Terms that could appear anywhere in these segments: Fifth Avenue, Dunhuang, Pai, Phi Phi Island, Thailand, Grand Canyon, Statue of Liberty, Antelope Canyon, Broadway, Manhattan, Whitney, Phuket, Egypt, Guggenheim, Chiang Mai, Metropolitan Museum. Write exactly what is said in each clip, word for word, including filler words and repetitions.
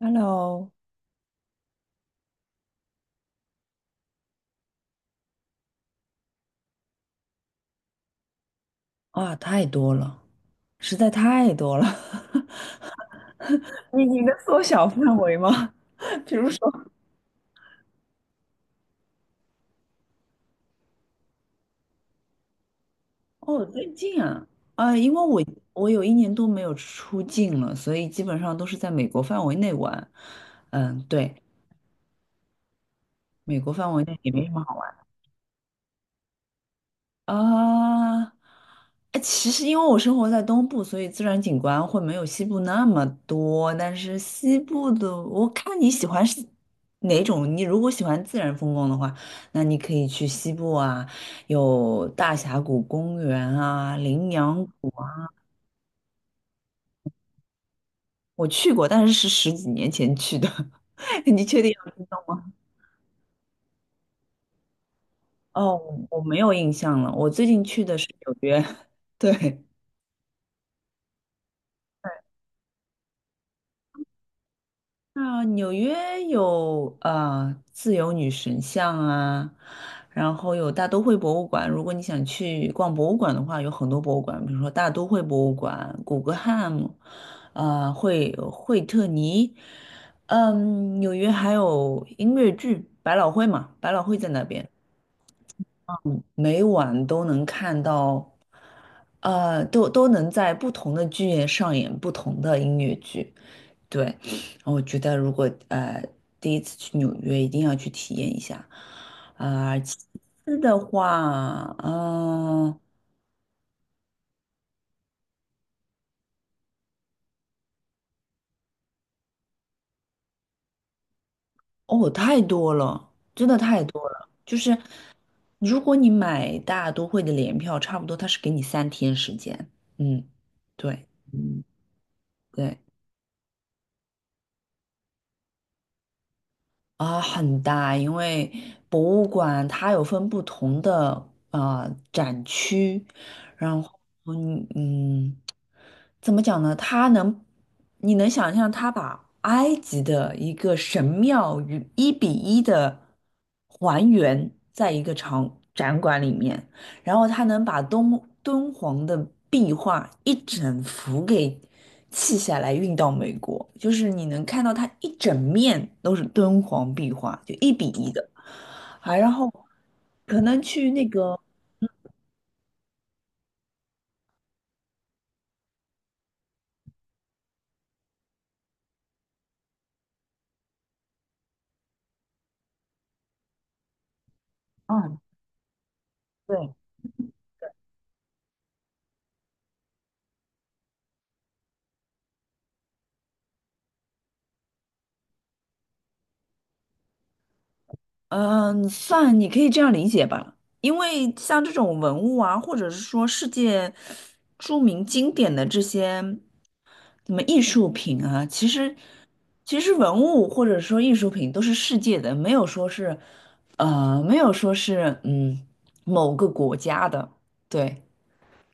Hello，啊，太多了，实在太多了。你你能缩小范围吗？比如说 哦，最近啊，啊，因为我我有一年多没有出境了，所以基本上都是在美国范围内玩。嗯，对，美国范围内也没什么好玩。啊，哎，其实因为我生活在东部，所以自然景观会没有西部那么多。但是西部的，我看你喜欢是哪种。你如果喜欢自然风光的话，那你可以去西部啊，有大峡谷公园啊、羚羊谷啊。我去过，但是是十几年前去的。你确定要运动吗？哦，我没有印象了。我最近去的是纽约，对。啊，纽约有啊，自由女神像啊，然后有大都会博物馆。如果你想去逛博物馆的话，有很多博物馆，比如说大都会博物馆、古根汉姆，啊、惠惠特尼。嗯，纽约还有音乐剧百老汇嘛，百老汇在那边。每晚都能看到，呃，都都能在不同的剧院上演不同的音乐剧。对，我觉得如果呃第一次去纽约，一定要去体验一下。啊、其次的话，嗯、哦，太多了，真的太多了。就是如果你买大都会的联票，差不多它是给你三天时间。嗯，对，嗯，对。啊，很大，因为博物馆它有分不同的啊展区，然后嗯嗯，怎么讲呢？它能，你能想象它把埃及的一个神庙与一比一的还原在一个场展馆里面。然后他能把敦敦煌的壁画一整幅给砌下来运到美国，就是你能看到它一整面都是敦煌壁画，就一比一的，还然后可能去那个，嗯，对，嗯，算你可以这样理解吧，因为像这种文物啊，或者是说世界著名经典的这些什么艺术品啊，其实其实文物或者说艺术品都是世界的，没有说是呃，没有说是嗯某个国家的，对，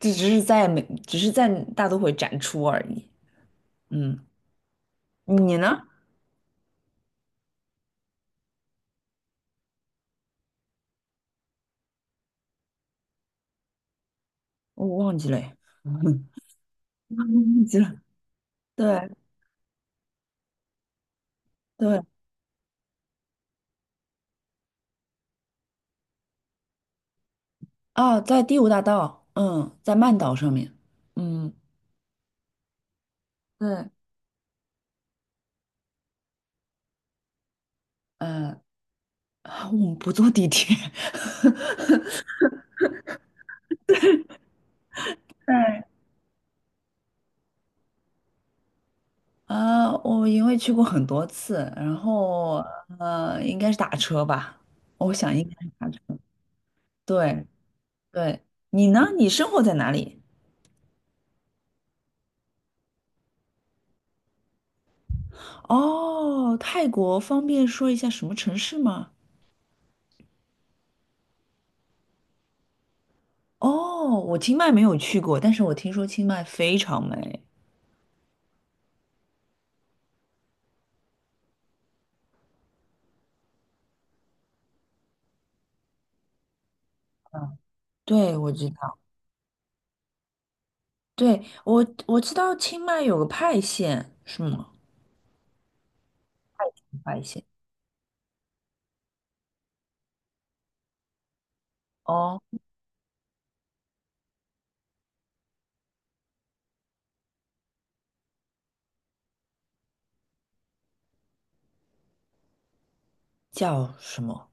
这只是在美，只是在大都会展出而已。嗯，你呢？我忘记了耶，忘记了。对对，啊，在第五大道，嗯，在曼岛上面，嗯对，嗯，我们不坐地铁，对，啊，我因为去过很多次，然后呃，应该是打车吧，我想应该是打车。对对，你呢？你生活在哪里？哦，泰国方便说一下什么城市吗？哦，我清迈没有去过，但是我听说清迈非常美。嗯，对，我知道，对，我我知道清迈有个派县，是吗？快一些，哦，叫什么？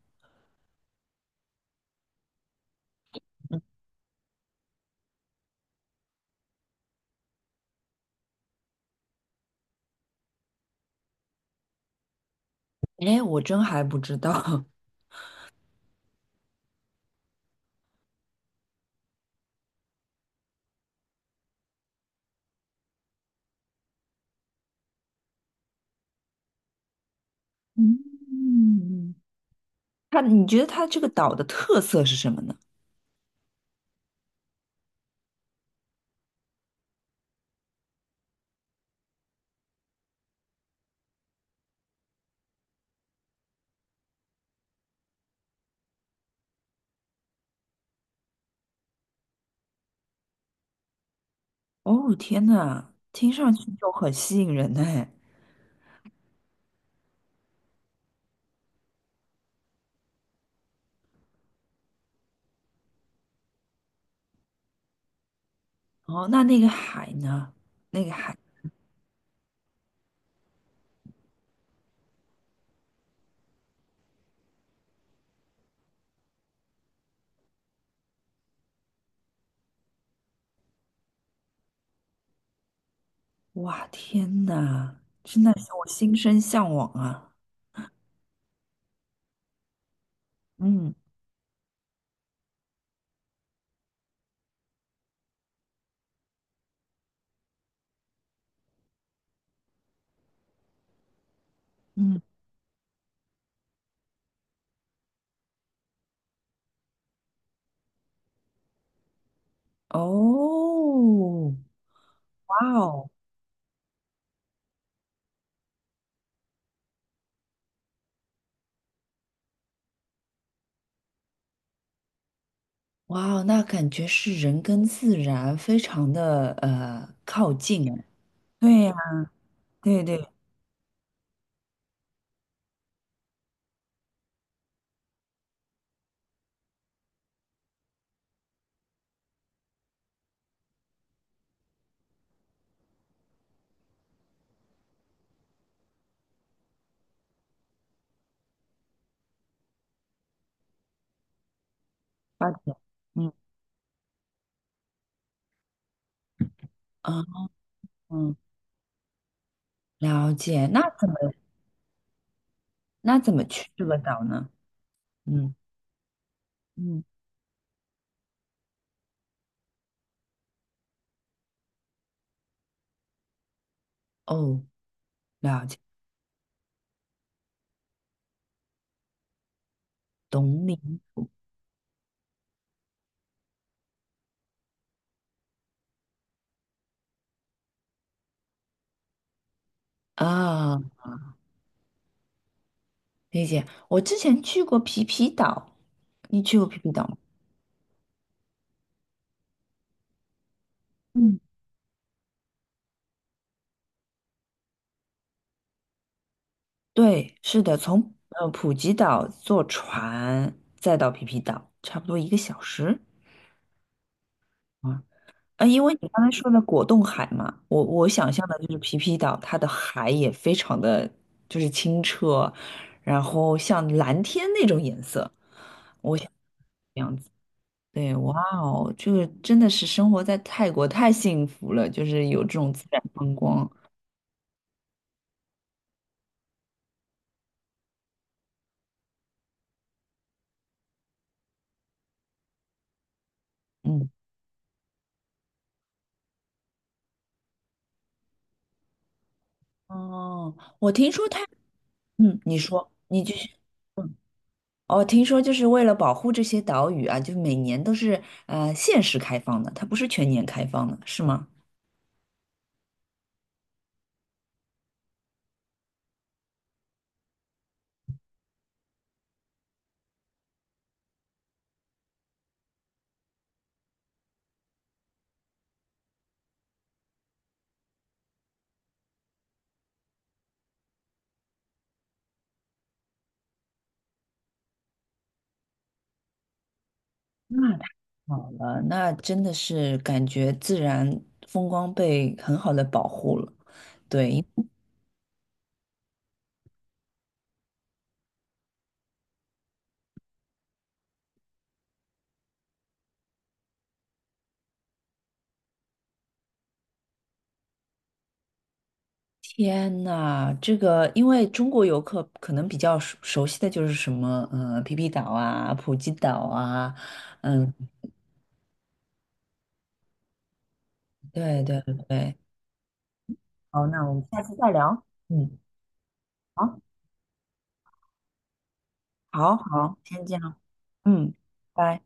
嗯，哎，我真还不知道。嗯，它，你觉得它这个岛的特色是什么呢？哦，天呐，听上去就很吸引人哎。哦，那那个海呢？那个海，哇，天呐，真的是我心生向往啊。嗯嗯，哦，哇哦，哇哦，那感觉是人跟自然非常的呃靠近哎。对呀，对对。八钱，嗯啊，嗯，了解。那怎么那怎么去这个岛呢？嗯嗯，哦，东宁啊，理解。我之前去过皮皮岛，你去过皮皮岛吗？嗯，对，是的，从呃普吉岛坐船再到皮皮岛，差不多一个小时。啊。啊，因为你刚才说的果冻海嘛，我我想象的就是皮皮岛，它的海也非常的就是清澈，然后像蓝天那种颜色，我想这样子。对，哇哦，这个真的是生活在泰国太幸福了，就是有这种自然风光。嗯，哦，我听说泰，嗯，你说，你继续。嗯，哦，听说就是为了保护这些岛屿啊，就每年都是呃限时开放的，它不是全年开放的，是吗？那太好了，那真的是感觉自然风光被很好的保护了。对，天呐，这个因为中国游客可能比较熟熟悉的就是什么，呃，皮皮岛啊、普吉岛啊，嗯，对对对。好，那我们下次再聊。嗯，好，好，好，先这样，嗯，拜。